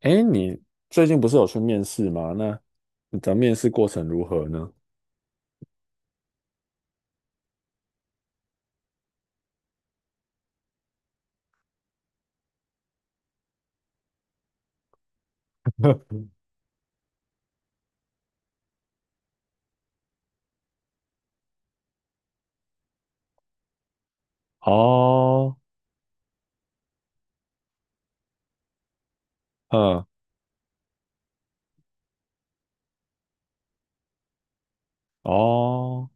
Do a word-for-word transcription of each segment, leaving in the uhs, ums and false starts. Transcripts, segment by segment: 哎，你最近不是有去面试吗？那你的面试过程如何呢？哦，嗯，哦，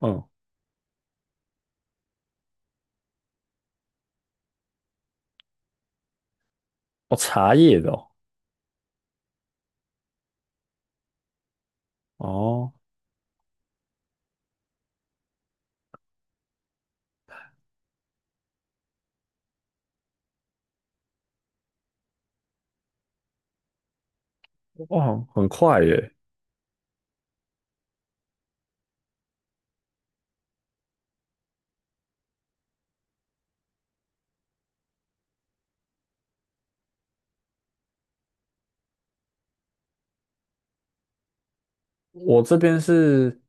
嗯，哦，茶叶的哦，哦，哇，很快耶！我这边是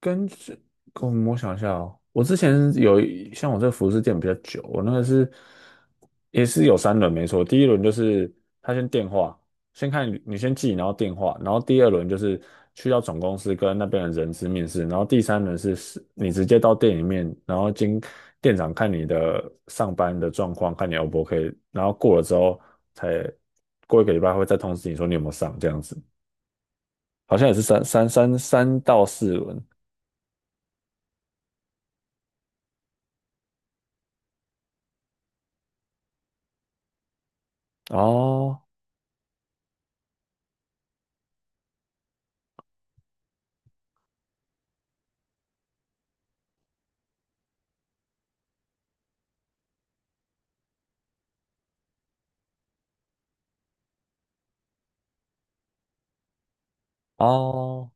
根据，嗯，我想一下哦。我之前有一像我这个服饰店比较久，我那个是也是有三轮没错。第一轮就是他先电话，先看你你先记，然后电话。然后第二轮就是去到总公司跟那边的人资面试。然后第三轮是是你直接到店里面，然后经店长看你的上班的状况，看你 O 不 OK，然后过了之后才过一个礼拜会再通知你说你有没有上这样子。好像也是三三三三到四轮。哦哦，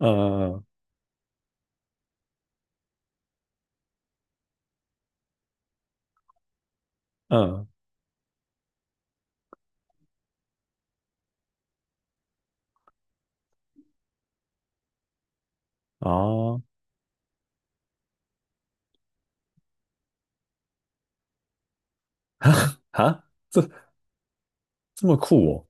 嗯嗯哦，哈，这么酷哦。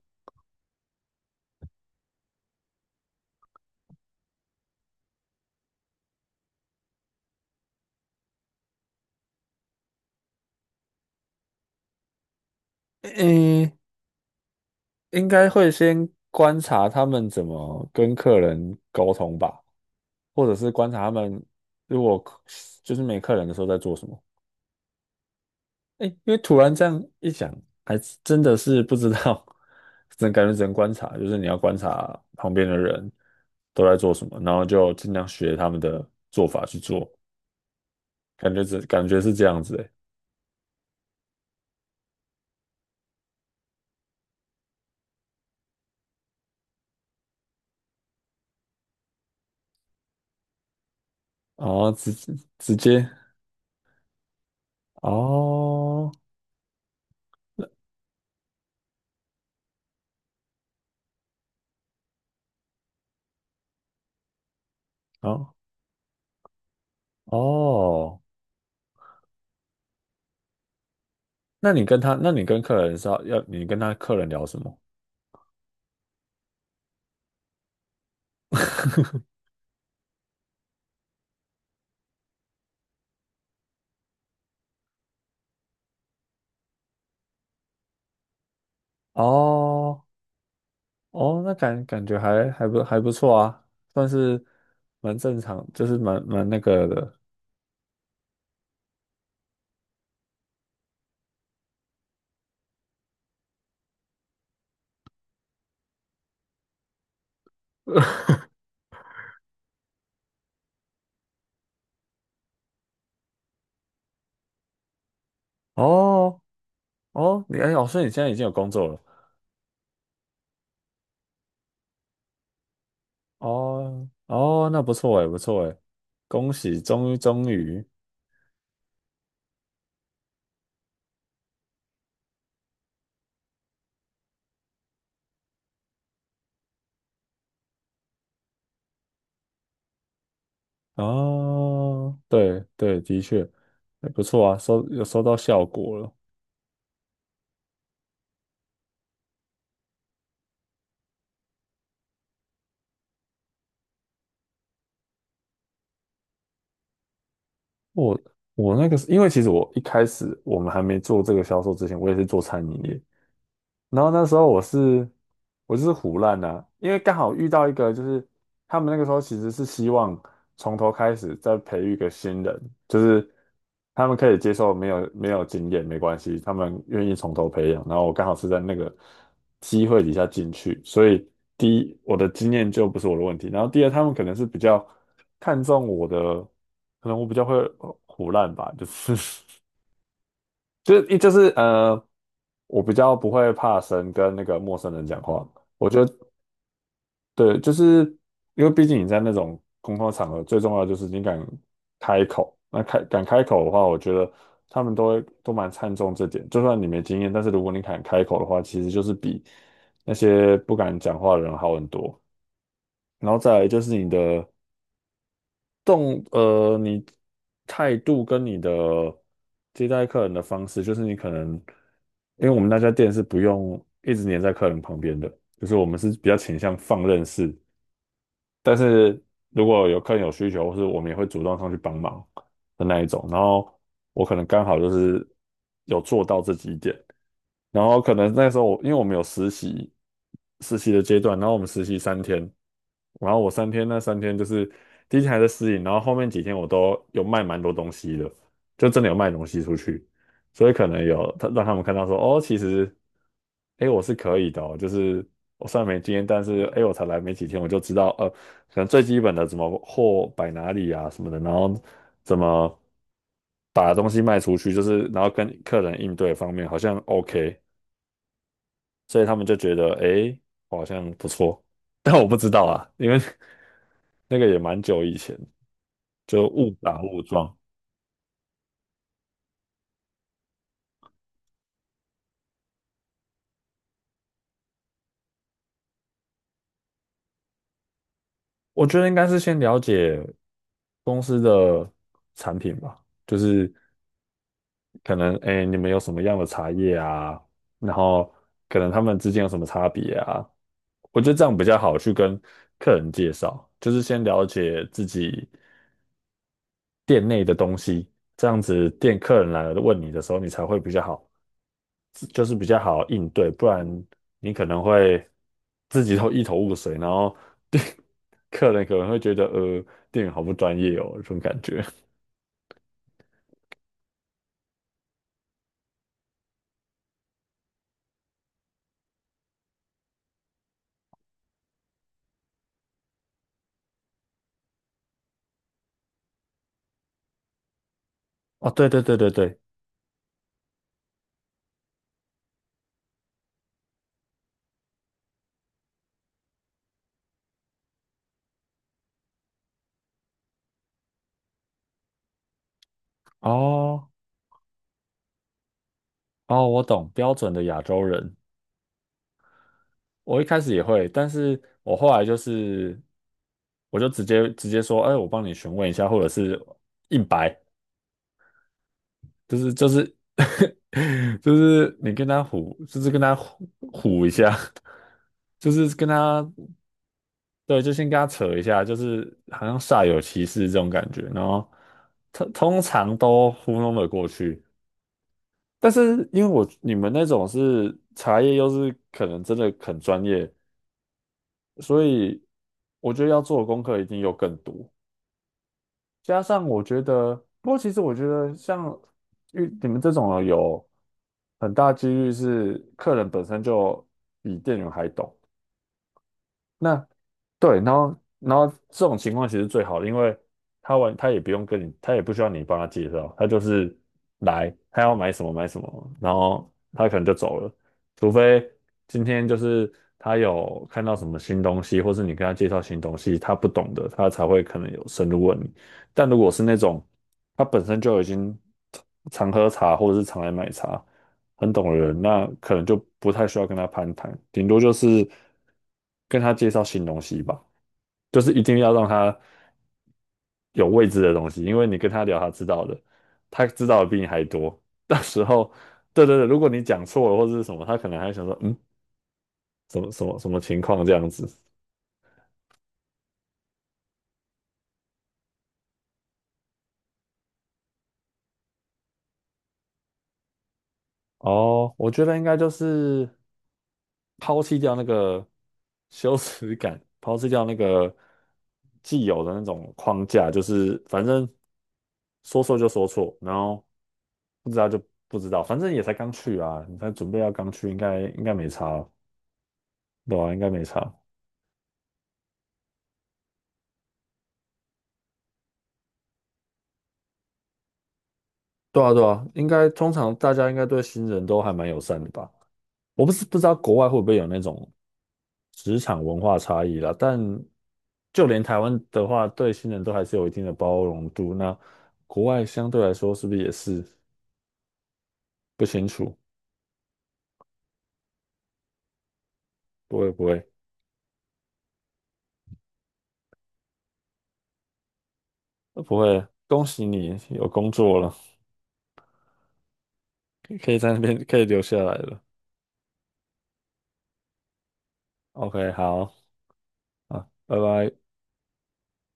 诶，应该会先观察他们怎么跟客人沟通吧，或者是观察他们如果客就是没客人的时候在做什么。哎，因为突然这样一想，还真的是不知道，只能感觉只能观察。就是你要观察旁边的人都在做什么，然后就尽量学他们的做法去做。感觉这感觉是这样子诶。哦，直直接哦，哦哦，那你跟他，那你跟客人是要要你跟他客人聊什么？哦哦，那感感觉还还不还不错啊，算是蛮正常，就是蛮蛮那个的。哦哦，你哎哦，所以你现在已经有工作了。哦哦，那不错哎，不错哎，恭喜，终于终于。哦，对对，的确，哎，不错啊，收有收到效果了。我我那个是因为其实我一开始我们还没做这个销售之前，我也是做餐饮业。然后那时候我是我就是胡乱的因为刚好遇到一个，就是他们那个时候其实是希望从头开始再培育一个新人，就是他们可以接受没有没有经验没关系，他们愿意从头培养。然后我刚好是在那个机会底下进去，所以第一我的经验就不是我的问题。然后第二他们可能是比较看重我的，可能我比较会胡乱吧，就是 就是一就是呃，我比较不会怕生，跟那个陌生人讲话。我觉得对，就是因为毕竟你在那种公共场合，最重要的就是你敢开口。那开敢开口的话，我觉得他们都会都蛮看重这点。就算你没经验，但是如果你敢开口的话，其实就是比那些不敢讲话的人好很多。然后再来就是你的动，呃，你态度跟你的接待客人的方式，就是你可能。因为我们那家店是不用一直黏在客人旁边的，就是我们是比较倾向放任式，但是如果有客人有需求，或是我们也会主动上去帮忙的那一种。然后我可能刚好就是有做到这几点。然后可能那时候我因为我们有实习，实习的阶段，然后我们实习三天，然后我三天那三天就是第一天还在适应，然后后面几天我都有卖蛮多东西的，就真的有卖东西出去。所以可能有他让他们看到说哦，其实。哎，诶我是可以的哦就是我虽然没经验，但是哎，诶我才来没几天，我就知道，呃。可能最基本的怎么货摆哪里啊什么的，然后怎么把东西卖出去。就是然后跟客人应对方面好像 OK，所以他们就觉得诶，好像不错。但我不知道啊，因为 那个也蛮久以前，就误打误撞。我觉得应该是先了解公司的产品吧，就是可能哎诶，你们有什么样的茶叶啊，然后可能他们之间有什么差别啊。我觉得这样比较好去跟客人介绍，就是先了解自己店内的东西。这样子店客人来了问你的时候，你才会比较好，就是比较好应对。不然你可能会自己都一头雾水。然后店 客人可能会觉得呃店员好不专业哦，这种感觉。哦，对对对对对，哦哦，我懂，标准的亚洲人。我一开始也会，但是我后来就是，我就直接直接说，哎，我帮你询问一下，或者是硬白，就是就是 就是你跟他唬，就是跟他唬唬一下，就是跟他，对，就先跟他扯一下，就是好像煞有其事这种感觉。然后通通常都糊弄了过去。但是因为我你们那种是茶叶，又是可能真的很专业。所以我觉得要做的功课一定又更多。加上我觉得，不过其实我觉得像遇你们这种有很大几率是客人本身就比店员还懂。那对，然后然后这种情况其实最好的，因为他完他也不用跟你，他也不需要你帮他介绍。他就是来，他要买什么买什么，然后他可能就走了。除非今天就是他有看到什么新东西，或是你跟他介绍新东西，他不懂的，他才会可能有深入问你。但如果是那种他本身就已经常喝茶或者是常来买茶，很懂的人，那可能就不太需要跟他攀谈。顶多就是跟他介绍新东西吧，就是一定要让他有未知的东西。因为你跟他聊他知道的，他知道的比你还多。到时候，对对对，如果你讲错了或者是什么，他可能还想说，嗯，什么什么什么情况这样子。哦，我觉得应该就是抛弃掉那个羞耻感，抛弃掉那个既有的那种框架，就是反正说错就说错，然后不知道就不知道。反正也才刚去啊，你才准备要刚去，应该应该没差。对啊，应该没差。对啊对啊，应该通常大家应该对新人都还蛮友善的吧。我不是不知道国外会不会有那种职场文化差异啦。但就连台湾的话，对新人都还是有一定的包容度。那国外相对来说是不是也是不清楚？不会不会呃不会，恭喜你有工作了，可以在那边可以留下来了。OK，好啊，拜拜。